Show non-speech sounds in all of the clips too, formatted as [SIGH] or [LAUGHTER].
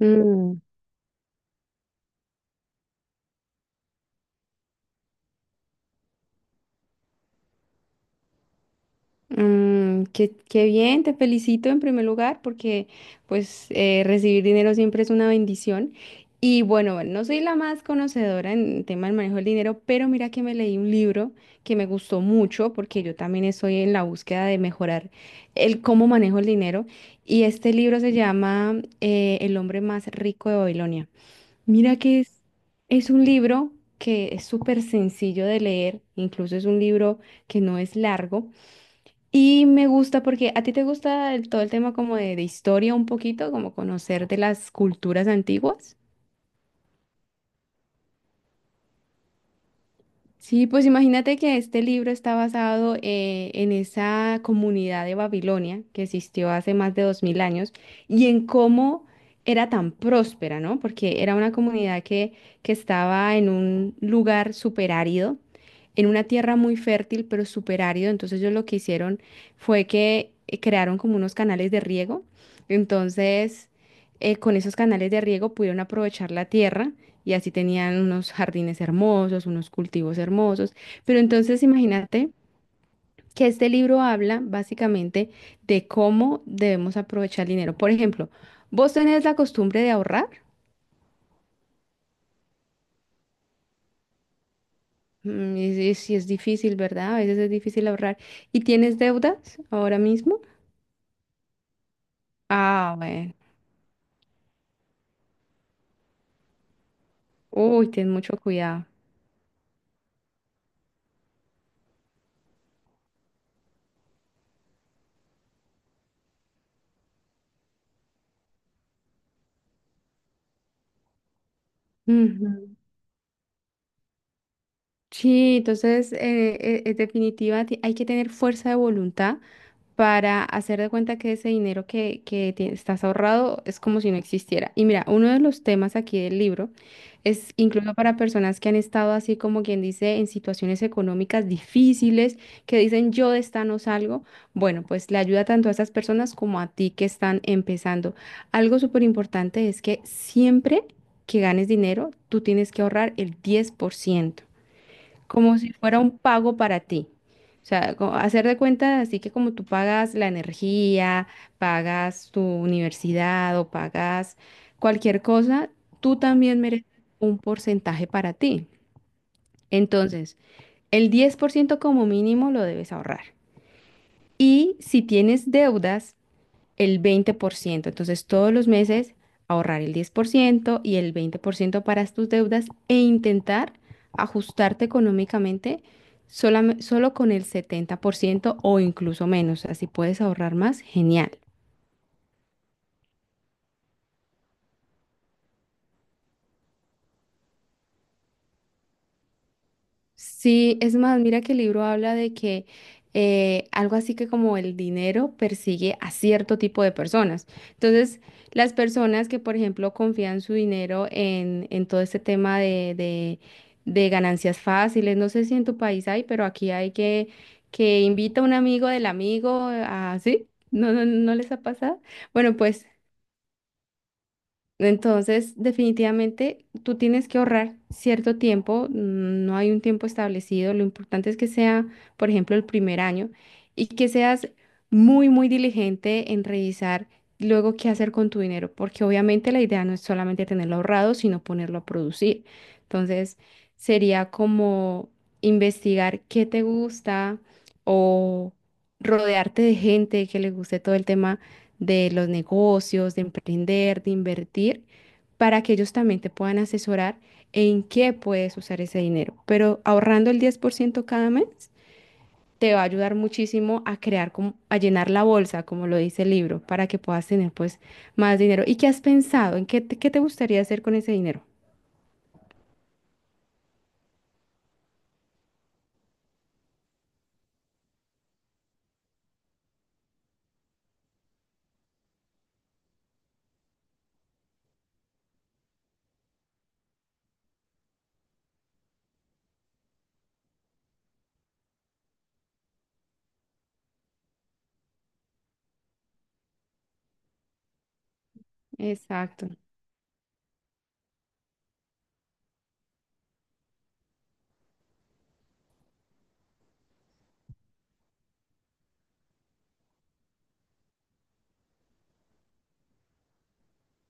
Mm, qué bien, te felicito en primer lugar porque pues recibir dinero siempre es una bendición. Y bueno, no soy la más conocedora en el tema del manejo del dinero, pero mira que me leí un libro que me gustó mucho porque yo también estoy en la búsqueda de mejorar el cómo manejo el dinero. Y este libro se llama El hombre más rico de Babilonia. Mira que es, es un libro que es súper sencillo de leer, incluso es un libro que no es largo. Y me gusta porque a ti te gusta todo el tema como de historia un poquito, como conocer de las culturas antiguas. Sí, pues imagínate que este libro está basado en esa comunidad de Babilonia que existió hace más de 2000 años y en cómo era tan próspera, ¿no? Porque era una comunidad que estaba en un lugar súper árido, en una tierra muy fértil, pero súper árido. Entonces ellos lo que hicieron fue que crearon como unos canales de riego. Entonces, con esos canales de riego pudieron aprovechar la tierra y así tenían unos jardines hermosos, unos cultivos hermosos. Pero entonces imagínate que este libro habla básicamente de cómo debemos aprovechar el dinero. Por ejemplo, ¿vos tenés la costumbre de ahorrar? Mm. Y si es, es difícil, ¿verdad? A veces es difícil ahorrar. ¿Y tienes deudas ahora mismo? Ah, bueno. Uy, ten mucho cuidado. Ujú. Sí, entonces, en definitiva, hay que tener fuerza de voluntad para hacer de cuenta que ese dinero que estás ahorrado es como si no existiera. Y mira, uno de los temas aquí del libro es incluso para personas que han estado así como quien dice en situaciones económicas difíciles, que dicen yo de esta no salgo. Bueno, pues le ayuda tanto a esas personas como a ti que están empezando. Algo súper importante es que siempre que ganes dinero, tú tienes que ahorrar el 10% como si fuera un pago para ti. O sea, hacer de cuenta así que como tú pagas la energía, pagas tu universidad o pagas cualquier cosa, tú también mereces un porcentaje para ti. Entonces, el 10% como mínimo lo debes ahorrar. Y si tienes deudas, el 20%. Entonces, todos los meses ahorrar el 10% y el 20% para tus deudas e intentar ajustarte económicamente solo con el 70% o incluso menos. Así puedes ahorrar más, genial. Sí, es más, mira que el libro habla de que algo así que como el dinero persigue a cierto tipo de personas. Entonces, las personas que, por ejemplo, confían su dinero en todo este tema de ganancias fáciles, no sé si en tu país hay, pero aquí hay que invita a un amigo del amigo, así, no les ha pasado? Bueno, pues entonces, definitivamente, tú tienes que ahorrar cierto tiempo, mm, no hay un tiempo establecido, lo importante es que sea, por ejemplo, el primer año y que seas muy, muy diligente en revisar luego qué hacer con tu dinero, porque obviamente la idea no es solamente tenerlo ahorrado, sino ponerlo a producir. Entonces, sería como investigar qué te gusta o rodearte de gente que le guste todo el tema de los negocios, de emprender, de invertir, para que ellos también te puedan asesorar en qué puedes usar ese dinero. Pero ahorrando el 10% cada mes te va a ayudar muchísimo a crear, como, a llenar la bolsa, como lo dice el libro, para que puedas tener pues más dinero. ¿Y qué has pensado? ¿En qué qué te gustaría hacer con ese dinero? Exacto.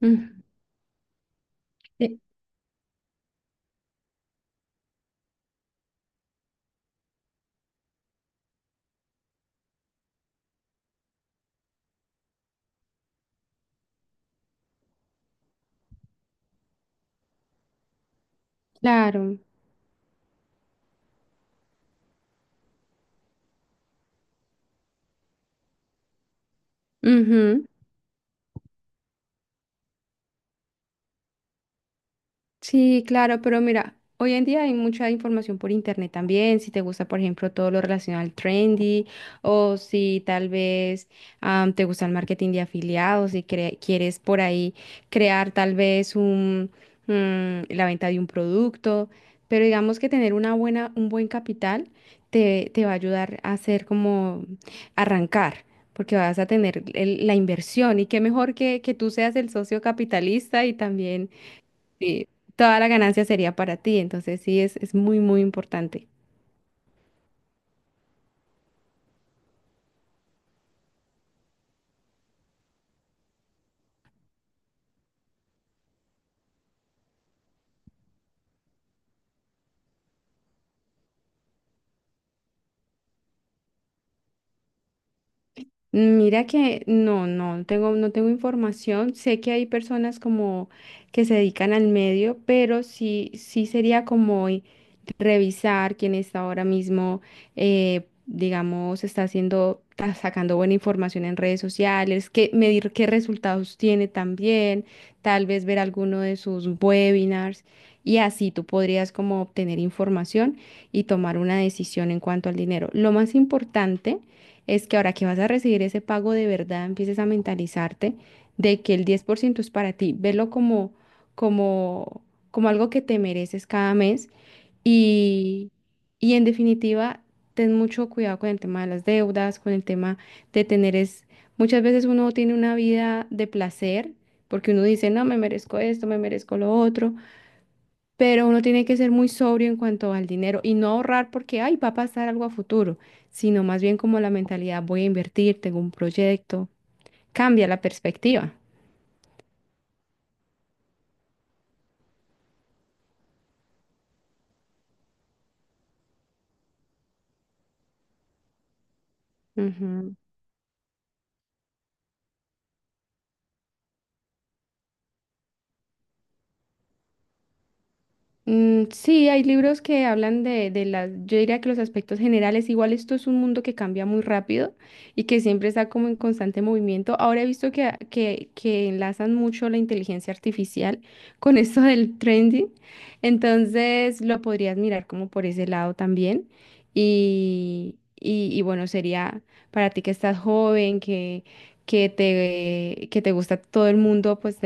Mm. Eh. Claro. Ujú. Sí, claro, pero mira, hoy en día hay mucha información por internet también, si te gusta, por ejemplo, todo lo relacionado al trendy o si tal vez te gusta el marketing de afiliados y quieres por ahí crear tal vez la venta de un producto, pero digamos que tener un buen capital te va a ayudar a hacer como arrancar. Porque vas a tener la inversión y qué mejor que tú seas el socio capitalista y también. Sí, toda la ganancia sería para ti, entonces sí, es muy, muy importante. Mira que no tengo, no tengo información. Sé que hay personas como que se dedican al medio, pero sí, sí sería como revisar quién está ahora mismo, digamos, está sacando buena información en redes sociales, que medir qué resultados tiene también, tal vez ver alguno de sus webinars y así tú podrías como obtener información y tomar una decisión en cuanto al dinero. Lo más importante es que ahora que vas a recibir ese pago de verdad, empieces a mentalizarte de que el 10% es para ti. Velo como, como, como algo que te mereces cada mes y, y en definitiva, ten mucho cuidado con el tema de las deudas, con el tema de muchas veces uno tiene una vida de placer porque uno dice, no, me merezco esto, me merezco lo otro, pero uno tiene que ser muy sobrio en cuanto al dinero y no ahorrar porque, ay, va a pasar algo a futuro, sino más bien como la mentalidad, voy a invertir, tengo un proyecto, cambia la perspectiva. Ujú. Mm, sí, hay libros que hablan de las, yo diría que los aspectos generales, igual esto es un mundo que cambia muy rápido y que siempre está como en constante movimiento. Ahora he visto que enlazan mucho la inteligencia artificial con [LAUGHS] esto del trending, entonces lo podrías mirar como por ese lado también. Y bueno, sería para ti que estás joven, que te gusta todo el mundo, pues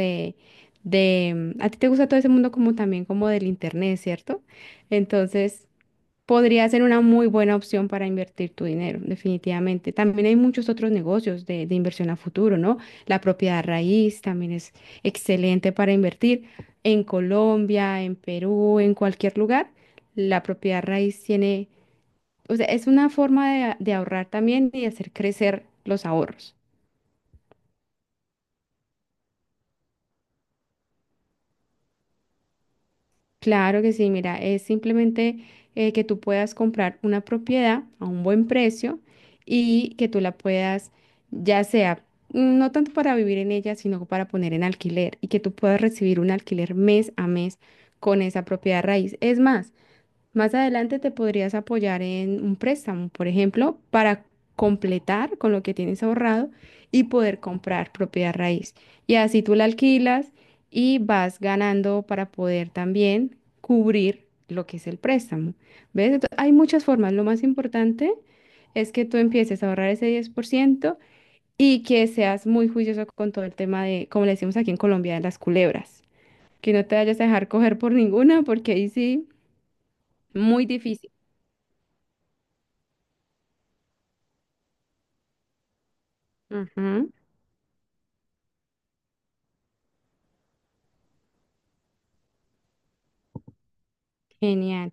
a ti te gusta todo ese mundo como también como del internet, ¿cierto? Entonces, podría ser una muy buena opción para invertir tu dinero, definitivamente. También hay muchos otros negocios de inversión a futuro, ¿no? La propiedad raíz también es excelente para invertir en Colombia, en Perú, en cualquier lugar. La propiedad raíz tiene, o sea, es una forma de ahorrar también y de hacer crecer los ahorros. Claro que sí, mira, es simplemente que tú puedas comprar una propiedad a un buen precio y que tú la puedas, ya sea, mm, no tanto para vivir en ella, sino para poner en alquiler y que tú puedas recibir un alquiler mes a mes con esa propiedad raíz. Es más, más adelante te podrías apoyar en un préstamo, por ejemplo, para completar con lo que tienes ahorrado y poder comprar propiedad raíz. Y así tú la alquilas y vas ganando para poder también cubrir lo que es el préstamo. ¿Ves? Entonces, hay muchas formas. Lo más importante es que tú empieces a ahorrar ese 10% y que seas muy juicioso con todo el tema de, como le decimos aquí en Colombia, de las culebras. Que no te vayas a dejar coger por ninguna, porque ahí sí, muy difícil. Ujú. Genial.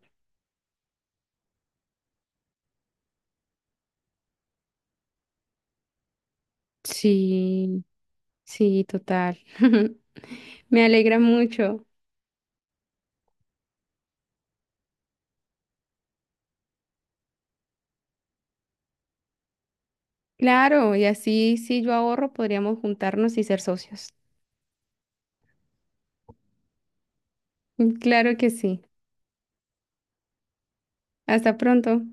Sí, sí, total. [LAUGHS] Me alegra mucho. Claro, y así si yo ahorro, podríamos juntarnos y ser socios. Claro que sí. Hasta pronto.